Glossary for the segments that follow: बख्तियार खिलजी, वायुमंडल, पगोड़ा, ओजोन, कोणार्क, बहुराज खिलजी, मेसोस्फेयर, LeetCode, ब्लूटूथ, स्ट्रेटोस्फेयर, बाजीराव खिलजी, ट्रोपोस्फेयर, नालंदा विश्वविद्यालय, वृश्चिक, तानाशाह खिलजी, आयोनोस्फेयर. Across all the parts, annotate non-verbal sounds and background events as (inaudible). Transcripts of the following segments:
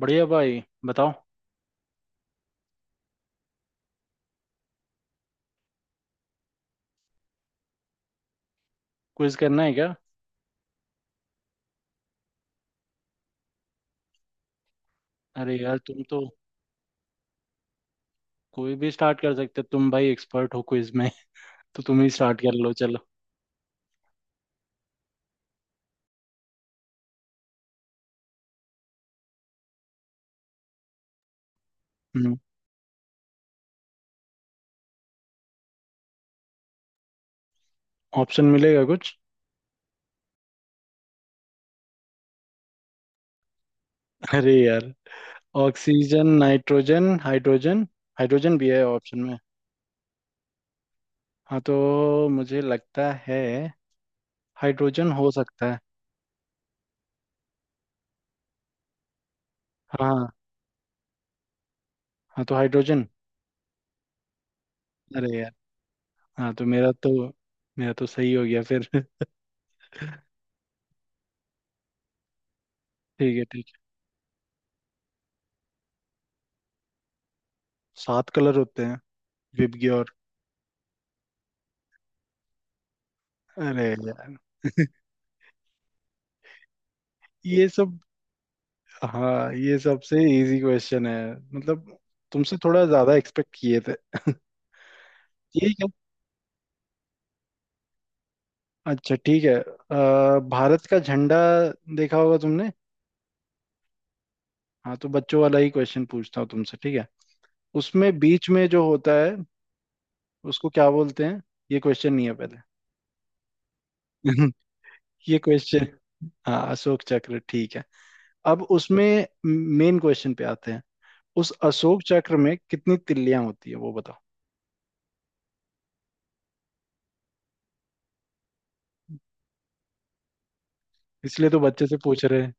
बढ़िया भाई। बताओ। क्विज करना है क्या? अरे यार, तुम तो कोई भी स्टार्ट कर सकते हो। तुम भाई एक्सपर्ट हो क्विज में (laughs) तो तुम ही स्टार्ट कर लो, चलो। हम्म। ऑप्शन मिलेगा कुछ? (laughs) अरे यार। Oxygen nitrogen hydrogen. हाइड्रोजन भी है ऑप्शन में। हाँ तो मुझे लगता है हाइड्रोजन हो सकता है। हाँ। हाँ तो हाइड्रोजन। अरे यार। हाँ तो मेरा तो सही हो गया फिर (laughs) ठीक है, ठीक है। सात कलर होते हैं, विबग्योर। अरे यार (laughs) ये सब। हाँ, ये सबसे इजी क्वेश्चन है। मतलब तुमसे थोड़ा ज्यादा एक्सपेक्ट किए थे (laughs) ठीक है। अच्छा ठीक है। भारत का झंडा देखा होगा तुमने। हाँ तो बच्चों वाला ही क्वेश्चन पूछता हूँ तुमसे, ठीक है? उसमें बीच में जो होता है उसको क्या बोलते हैं? ये क्वेश्चन नहीं है पहले (laughs) ये क्वेश्चन। हाँ, अशोक चक्र, ठीक है। अब उसमें मेन क्वेश्चन पे आते हैं। उस अशोक चक्र में कितनी तिल्लियां होती है वो बताओ। इसलिए तो बच्चे से पूछ रहे हैं।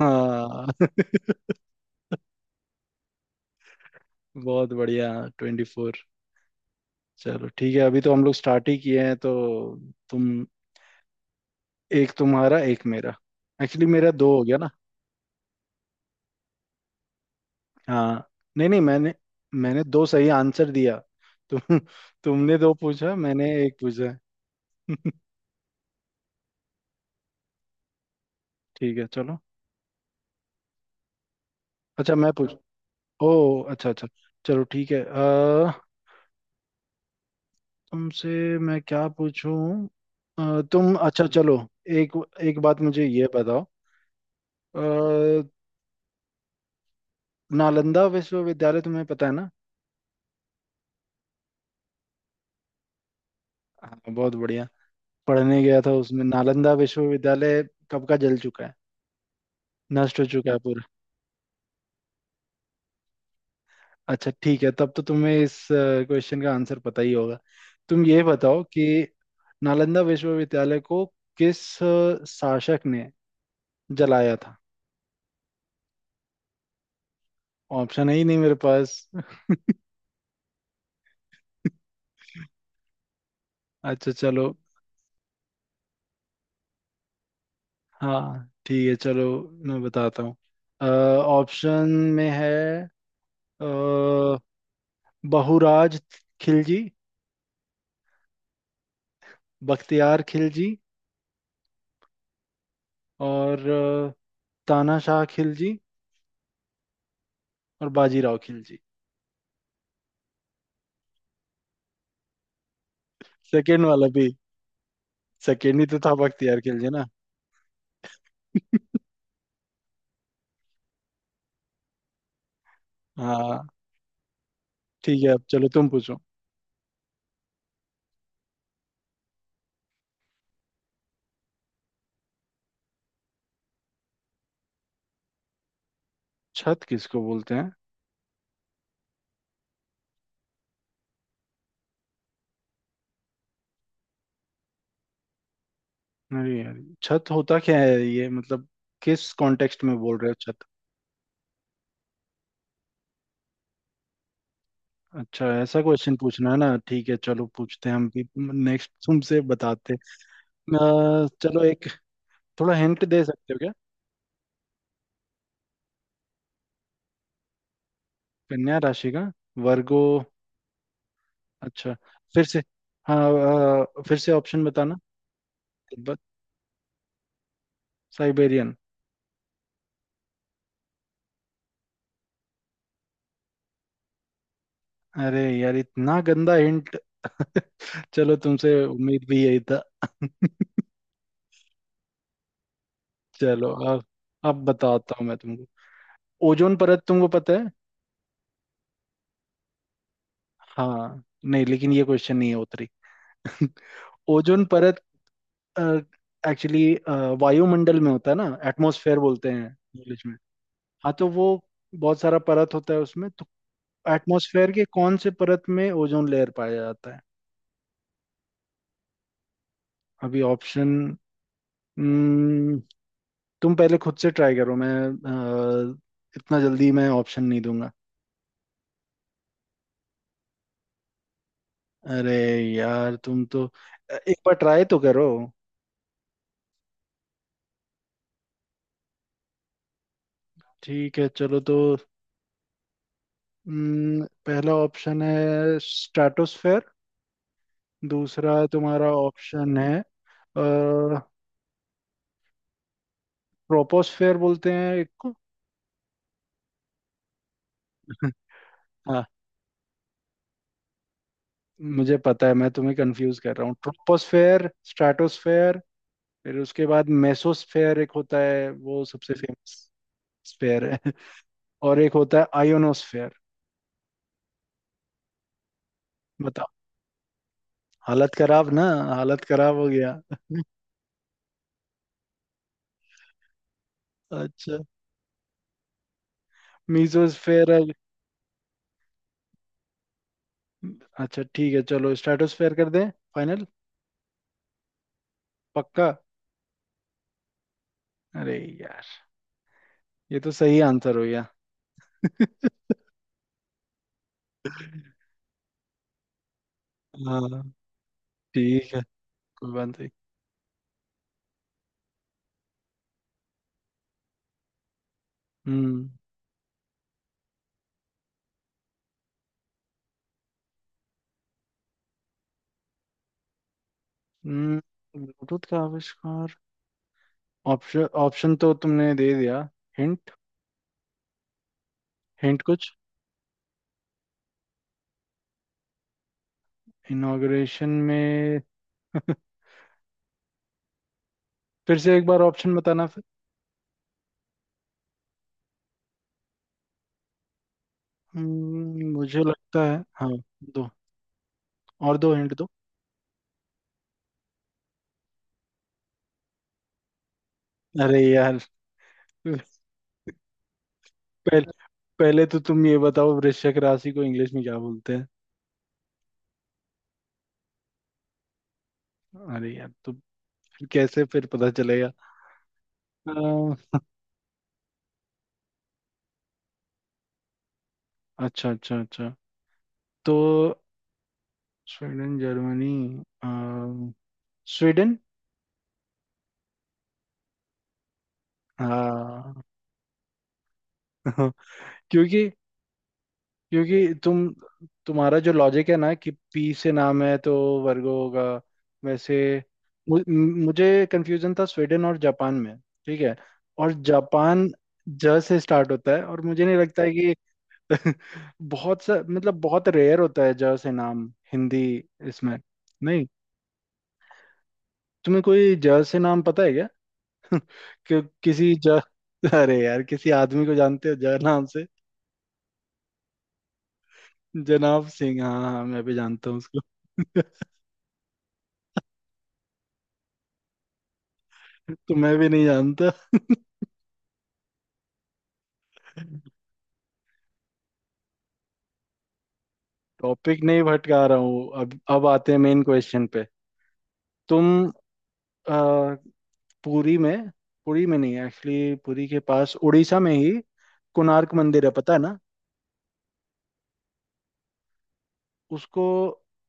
हाँ (laughs) बहुत बढ़िया। 24। चलो ठीक है, अभी तो हम लोग स्टार्ट ही किए हैं तो तुम, एक तुम्हारा एक मेरा। एक्चुअली मेरा दो हो गया ना। हाँ। नहीं नहीं, मैंने, मैंने दो सही आंसर दिया। तुम, तुमने दो पूछा मैंने एक पूछा है। (laughs) ठीक है चलो। अच्छा मैं पूछ, ओ अच्छा अच्छा। चलो ठीक है। तुमसे मैं क्या पूछूं? तुम, अच्छा चलो। एक एक बात मुझे ये बताओ। अ, नालंदा विश्वविद्यालय तुम्हें पता है ना? हाँ बहुत बढ़िया। पढ़ने गया था उसमें, नालंदा विश्वविद्यालय कब का जल चुका है, नष्ट हो चुका है पूरा। अच्छा ठीक है, तब तो तुम्हें इस क्वेश्चन का आंसर पता ही होगा। तुम ये बताओ कि नालंदा विश्वविद्यालय को किस शासक ने जलाया था? ऑप्शन है ही नहीं मेरे पास। अच्छा चलो। हाँ ठीक है चलो, मैं बताता हूँ। ऑप्शन में है, अ, बहुराज खिलजी, बख्तियार खिलजी, और तानाशाह खिलजी, और बाजीराव खिलजी। सेकेंड वाला भी? सेकेंड ही तो था बख्तियार खिलजी ना। हाँ, ठीक है, अब चलो तुम पूछो। छत किसको बोलते हैं? अरे यार, छत होता क्या है ये, मतलब किस कॉन्टेक्स्ट में बोल रहे हो छत? अच्छा ऐसा क्वेश्चन पूछना है ना? ठीक है चलो, पूछते हैं हम भी नेक्स्ट तुमसे बताते हैं। चलो एक थोड़ा हिंट दे सकते हो क्या? कन्या राशि का, वर्गो। अच्छा, फिर से। हाँ, फिर से ऑप्शन बताना। तिब्बत, साइबेरियन। अरे यार इतना गंदा हिंट (laughs) चलो तुमसे उम्मीद भी यही था (laughs) चलो अब बताता हूँ मैं तुमको। ओजोन परत तुमको पता है? हाँ नहीं, लेकिन ये क्वेश्चन नहीं है उतरी (laughs) ओजोन परत, एक्चुअली वायुमंडल में होता है ना, एटमॉस्फेयर बोलते हैं इंग्लिश में। हाँ तो वो, बहुत सारा परत होता है उसमें तो। एटमॉस्फेयर के कौन से परत में ओजोन लेयर पाया जाता है? अभी ऑप्शन, तुम पहले खुद से ट्राई करो, मैं अ, इतना जल्दी मैं ऑप्शन नहीं दूंगा। अरे यार तुम तो, एक बार ट्राई तो करो। ठीक है चलो तो। पहला ऑप्शन है स्ट्रेटोस्फेयर। दूसरा तुम्हारा ऑप्शन है, ट्रोपोस्फेयर बोलते हैं एक को (laughs) हाँ, मुझे पता है मैं तुम्हें कंफ्यूज कर रहा हूँ, ट्रोपोस्फेयर स्ट्रेटोस्फेयर। फिर उसके बाद मेसोस्फेयर एक होता है, वो सबसे फेमस स्फेयर है (laughs) और एक होता है आयोनोस्फेयर। बताओ। हालत खराब ना, हालत खराब हो गया। अच्छा, मीसोस्फेयर? अच्छा ठीक है चलो, स्ट्रेटोस्फेयर कर दें फाइनल। पक्का? अरे यार, ये तो सही आंसर हो गया (laughs) हाँ ठीक है, कोई बात नहीं। हम्म। हम्म, ब्लूटूथ का आविष्कार। ऑप्शन, ऑप्शन तो तुमने दे दिया। हिंट, हिंट कुछ इनॉग्रेशन में? फिर से एक बार ऑप्शन बताना फिर। मुझे लगता है, हाँ दो और, दो हिंट दो। अरे यार (laughs) पहले, पहले तो तुम ये बताओ वृश्चिक राशि को इंग्लिश में क्या बोलते हैं? अरे यार, तो फिर कैसे फिर पता चलेगा? अ, अच्छा अच्छा अच्छा। तो स्वीडन जर्मनी, अ, स्वीडन। हाँ (laughs) क्योंकि क्योंकि तुम्हारा जो लॉजिक है ना, कि पी से नाम है तो वर्गो होगा, वैसे। मु, मुझे कंफ्यूजन था स्वीडन और जापान में, ठीक है? और जापान ज से स्टार्ट होता है, और मुझे नहीं लगता है कि बहुत सा, मतलब बहुत रेयर होता है ज से नाम हिंदी इसमें, नहीं? तुम्हें कोई ज से नाम पता है क्या? (laughs) किसी ज? (laughs) अरे यार, किसी आदमी को जानते हो ज नाम से? जनाब सिंह? हाँ हाँ हाँ, मैं भी जानता हूँ उसको (laughs) तो मैं भी नहीं जानता (laughs) टॉपिक नहीं भटका रहा हूँ, अब आते हैं मेन क्वेश्चन पे। तुम, अ, पुरी में, पुरी में नहीं, एक्चुअली पुरी के पास उड़ीसा में ही कोणार्क मंदिर है, पता है? उसको,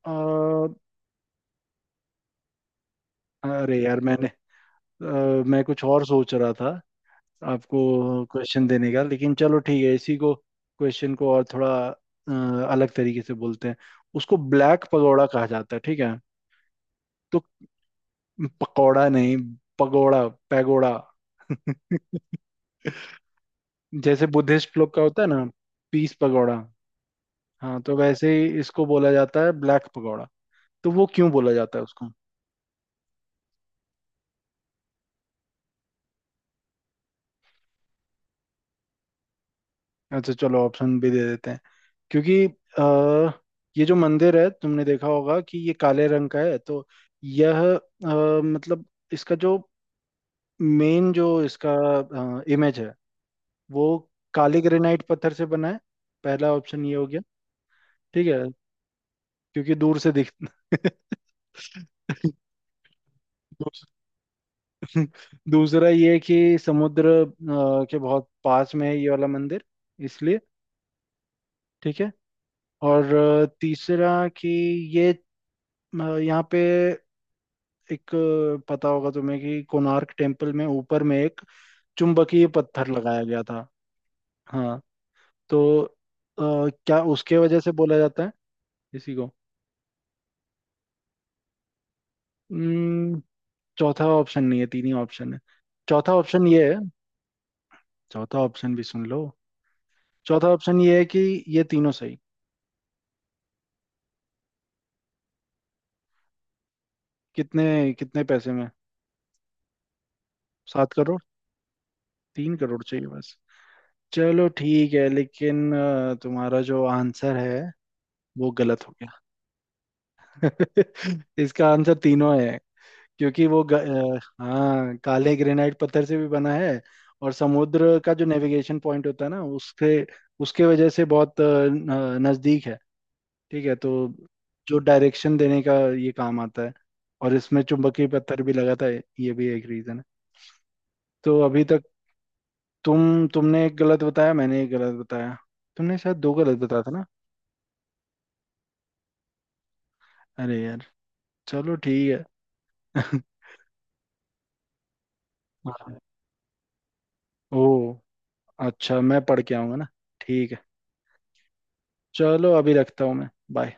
अ, अरे यार मैंने, अ, मैं कुछ और सोच रहा था आपको क्वेश्चन देने का, लेकिन चलो ठीक है इसी को क्वेश्चन को और थोड़ा अलग तरीके से बोलते हैं। उसको ब्लैक पगोड़ा कहा जाता है, ठीक है? तो पकौड़ा नहीं, पगोड़ा, पैगोड़ा (laughs) जैसे बुद्धिस्ट लोग का होता है ना, पीस पगोड़ा। हाँ, तो वैसे ही इसको बोला जाता है ब्लैक पगोड़ा। तो वो क्यों बोला जाता है उसको? अच्छा चलो, ऑप्शन भी दे देते हैं। क्योंकि ये जो मंदिर है, तुमने देखा होगा कि ये काले रंग का है, तो यह मतलब इसका जो मेन, जो इसका इमेज है, वो काले ग्रेनाइट पत्थर से बना है। पहला ऑप्शन ये हो गया, ठीक है। क्योंकि दूर से दिख (laughs) दूस- दूसरा ये कि समुद्र के बहुत पास में है ये वाला मंदिर, इसलिए, ठीक है? और तीसरा कि ये यहाँ पे एक, पता होगा तुम्हें कि कोणार्क टेम्पल में ऊपर में एक चुंबकीय पत्थर लगाया गया था। हाँ, तो क्या उसके वजह से बोला जाता है? इसी को। हम्म, चौथा ऑप्शन नहीं है, तीन ही ऑप्शन है। चौथा ऑप्शन ये है, चौथा ऑप्शन भी सुन लो। चौथा ऑप्शन ये है कि ये तीनों सही। कितने, कितने पैसे में? 7 करोड़। 3 करोड़ चाहिए बस। चलो ठीक है, लेकिन तुम्हारा जो आंसर है वो गलत हो गया (laughs) इसका आंसर तीनों है। क्योंकि वो हाँ, काले ग्रेनाइट पत्थर से भी बना है, और समुद्र का जो नेविगेशन पॉइंट होता है ना उसके, उसके वजह से बहुत नजदीक है, ठीक है? तो जो डायरेक्शन देने का ये काम आता है, और इसमें चुंबकीय पत्थर भी लगा था, ये भी एक रीजन है। तो अभी तक तुमने एक गलत बताया, मैंने एक गलत बताया। तुमने शायद दो गलत बताया था ना? अरे यार चलो ठीक है (laughs) हाँ। ओ, अच्छा मैं पढ़ के आऊंगा ना? ठीक है। चलो अभी रखता हूँ मैं, बाय।